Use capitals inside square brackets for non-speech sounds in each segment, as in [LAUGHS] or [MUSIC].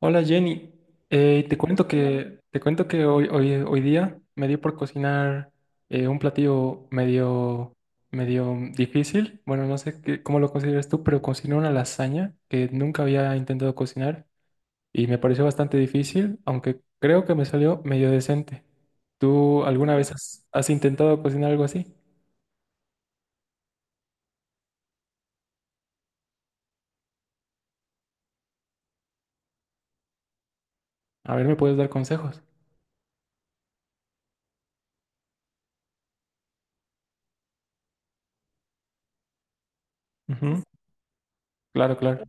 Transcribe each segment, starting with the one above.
Hola Jenny, te cuento que hoy día me dio por cocinar un platillo medio difícil. Bueno, no sé cómo lo consideras tú, pero cociné una lasaña que nunca había intentado cocinar y me pareció bastante difícil, aunque creo que me salió medio decente. ¿Tú alguna vez has intentado cocinar algo así? A ver, ¿me puedes dar consejos? Ujú. Claro, claro.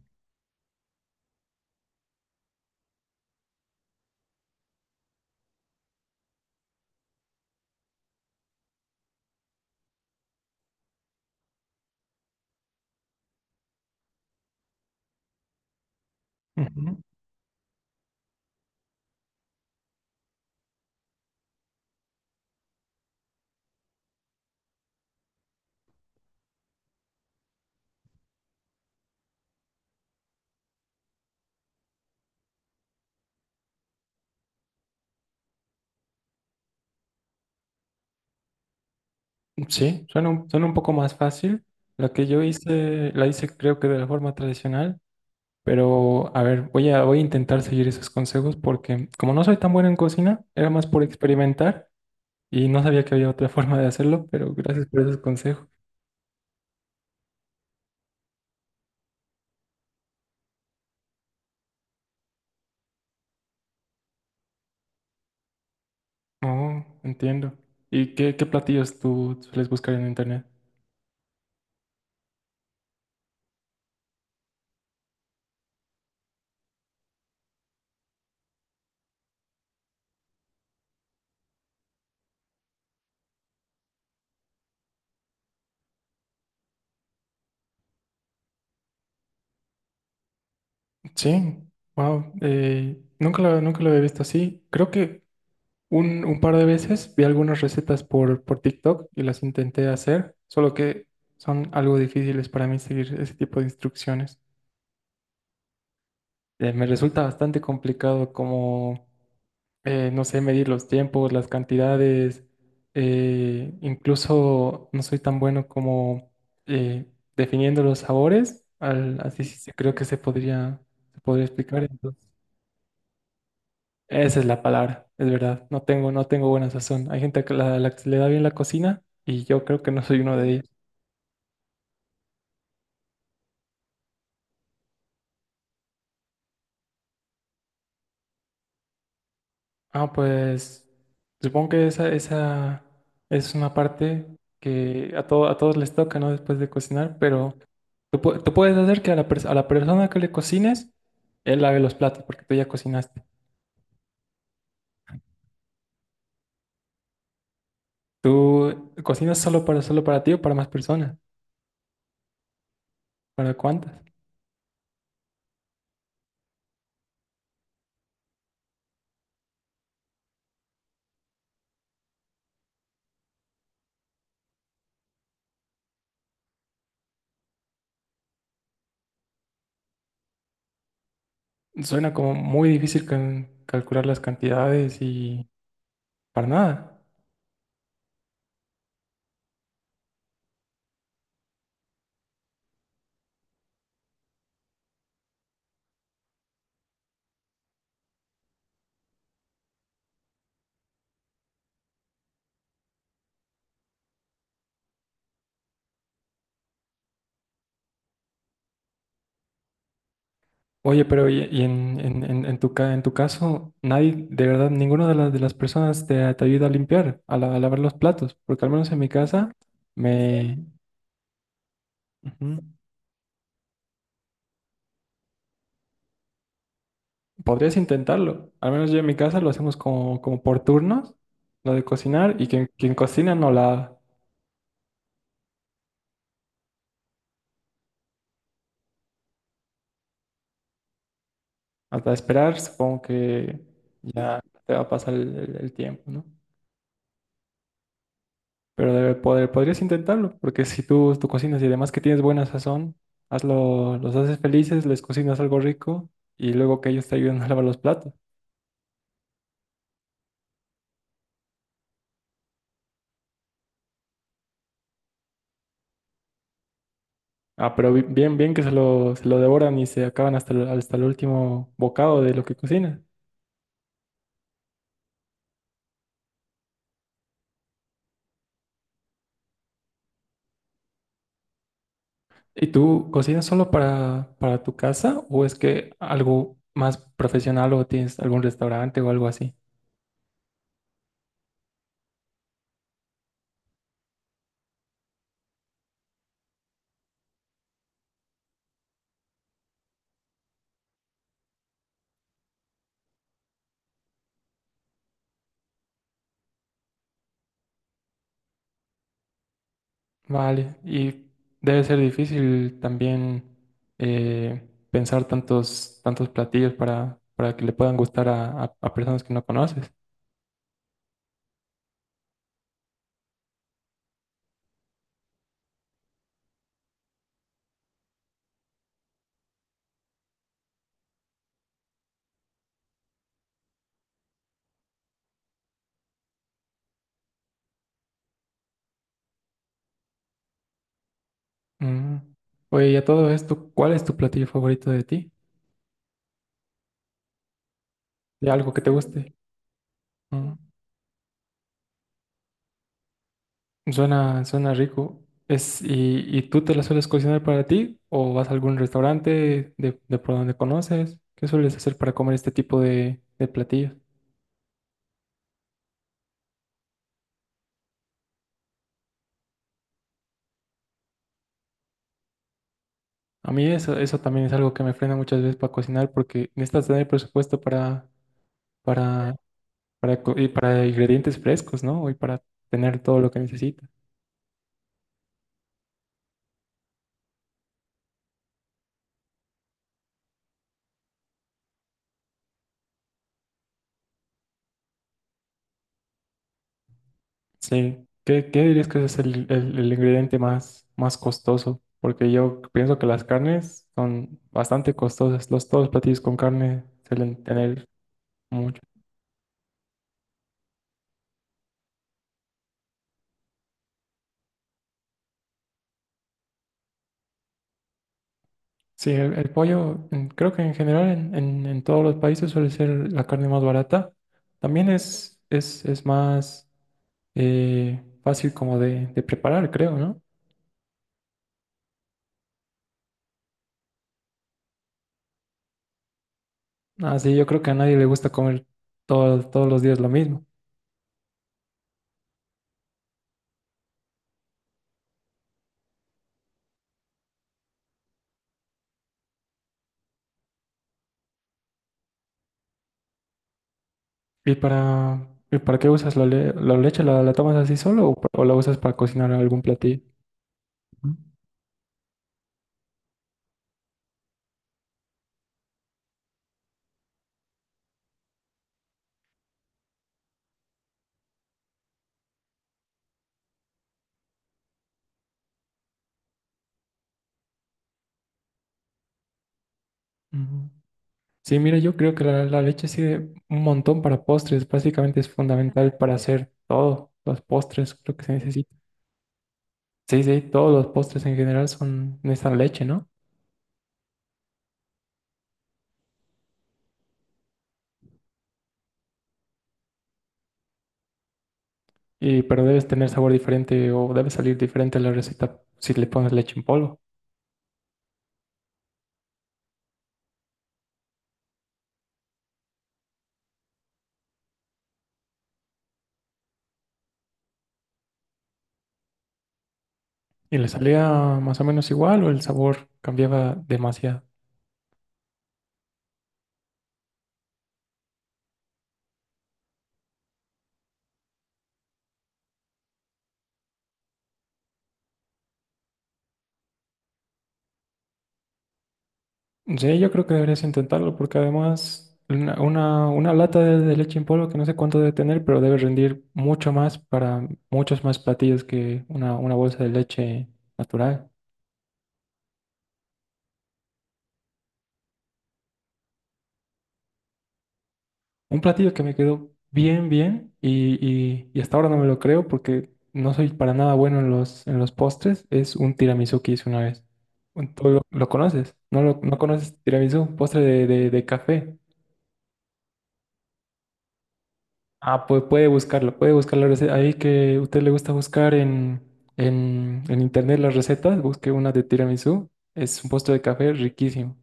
Sí, suena un poco más fácil. La que yo hice, la hice creo que de la forma tradicional, pero a ver, voy a intentar seguir esos consejos porque como no soy tan bueno en cocina, era más por experimentar y no sabía que había otra [LAUGHS] forma de hacerlo, pero gracias por esos consejos. Oh, entiendo. ¿Y qué platillos tú sueles buscar en internet? Sí, wow, nunca lo había visto así. Creo que un par de veces vi algunas recetas por TikTok y las intenté hacer, solo que son algo difíciles para mí seguir ese tipo de instrucciones. Me resulta bastante complicado como, no sé, medir los tiempos, las cantidades, incluso no soy tan bueno como eh, definiendo los sabores, así sí creo que se podría explicar. Entonces. Esa es la palabra, es verdad. No tengo buena sazón. Hay gente que la que le da bien la cocina y yo creo que no soy uno de ellos. Ah, pues supongo que esa es una parte que a todos les toca, ¿no? Después de cocinar, pero tú puedes hacer que a la persona que le cocines, él lave los platos porque tú ya cocinaste. ¿Tú cocinas solo para ti o para más personas? ¿Para cuántas? Suena como muy difícil calcular las cantidades y para nada. Oye, pero en tu caso, nadie, de verdad, ninguna de de las personas te ayuda a limpiar, a lavar los platos, porque al menos en mi casa me... Ujú. Podrías intentarlo, al menos yo en mi casa lo hacemos como por turnos, lo de cocinar, y quien cocina no lava. Hasta esperar, supongo que ya te va a pasar el tiempo, ¿no? Pero debe poder, podrías intentarlo, porque si tú cocinas y además que tienes buena sazón, hazlo, los haces felices, les cocinas algo rico y luego que ellos te ayuden a lavar los platos. Ah, pero bien, bien que se lo devoran y se acaban hasta hasta el último bocado de lo que cocinas. ¿Y tú cocinas para tu casa o es que algo más profesional o tienes algún restaurante o algo así? Vale, y debe ser difícil también pensar tantos platillos para que le puedan gustar a, a personas que no conoces. Mm. Oye, y a todo esto, ¿cuál es tu platillo favorito de ti? ¿De algo que te guste? Mm. Suena, suena rico. Es, y, ¿y tú te la sueles cocinar para ti? ¿O vas a algún restaurante de por donde conoces? ¿Qué sueles hacer para comer este tipo de platillos? A mí eso también es algo que me frena muchas veces para cocinar porque necesitas tener presupuesto para, para, y para ingredientes frescos, ¿no? Y para tener todo lo que necesitas. Sí. Qué dirías que es el, el ingrediente más, más costoso? Porque yo pienso que las carnes son bastante costosas. Los, todos los platillos con carne suelen tener mucho. Sí, el pollo, creo que en general en todos los países suele ser la carne más barata. También es más fácil como de preparar, creo, ¿no? Así yo creo que a nadie le gusta comer todos los días lo mismo. Y para qué usas la leche? La tomas así solo o la usas para cocinar algún platillo? Ujú. Ujú. Sí, mira, yo creo que la leche sirve un montón para postres. Básicamente es fundamental para hacer todos los postres, creo que se necesita. Sí, sí, todos los postres en general son necesitan leche, ¿no? Y, pero debes tener sabor diferente o debe salir diferente la receta si le pones leche en polvo. ¿Y le salía más o menos igual o el sabor cambiaba demasiado? Sí, yo creo que deberías intentarlo porque además una lata de leche en polvo que no sé cuánto debe tener, pero debe rendir mucho más para muchos más platillos que una bolsa de leche natural. Un platillo que me quedó bien, bien y, y hasta ahora no me lo creo porque no soy para nada bueno en los postres es un tiramisú que hice una vez. ¿Tú lo conoces? ¿No, no conoces tiramisú? Postre de, de café. Ah, pues puede buscarlo, puede buscar la receta. Ahí que a usted le gusta buscar en internet las recetas, busque una de tiramisú. Es un postre de café riquísimo.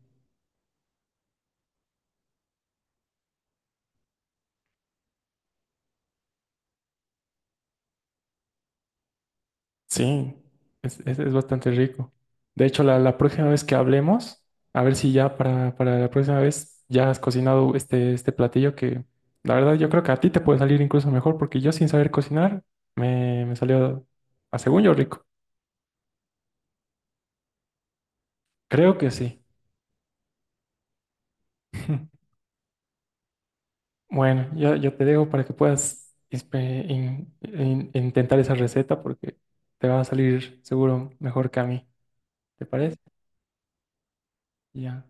Sí, es bastante rico. De hecho, la próxima vez que hablemos, a ver si ya para la próxima vez ya has cocinado este platillo que la verdad yo creo que a ti te puede salir incluso mejor porque yo sin saber cocinar me salió a según yo rico. Creo que sí. [LAUGHS] Bueno, yo te dejo para que puedas intentar esa receta porque te va a salir seguro mejor que a mí. ¿Te parece? Ya.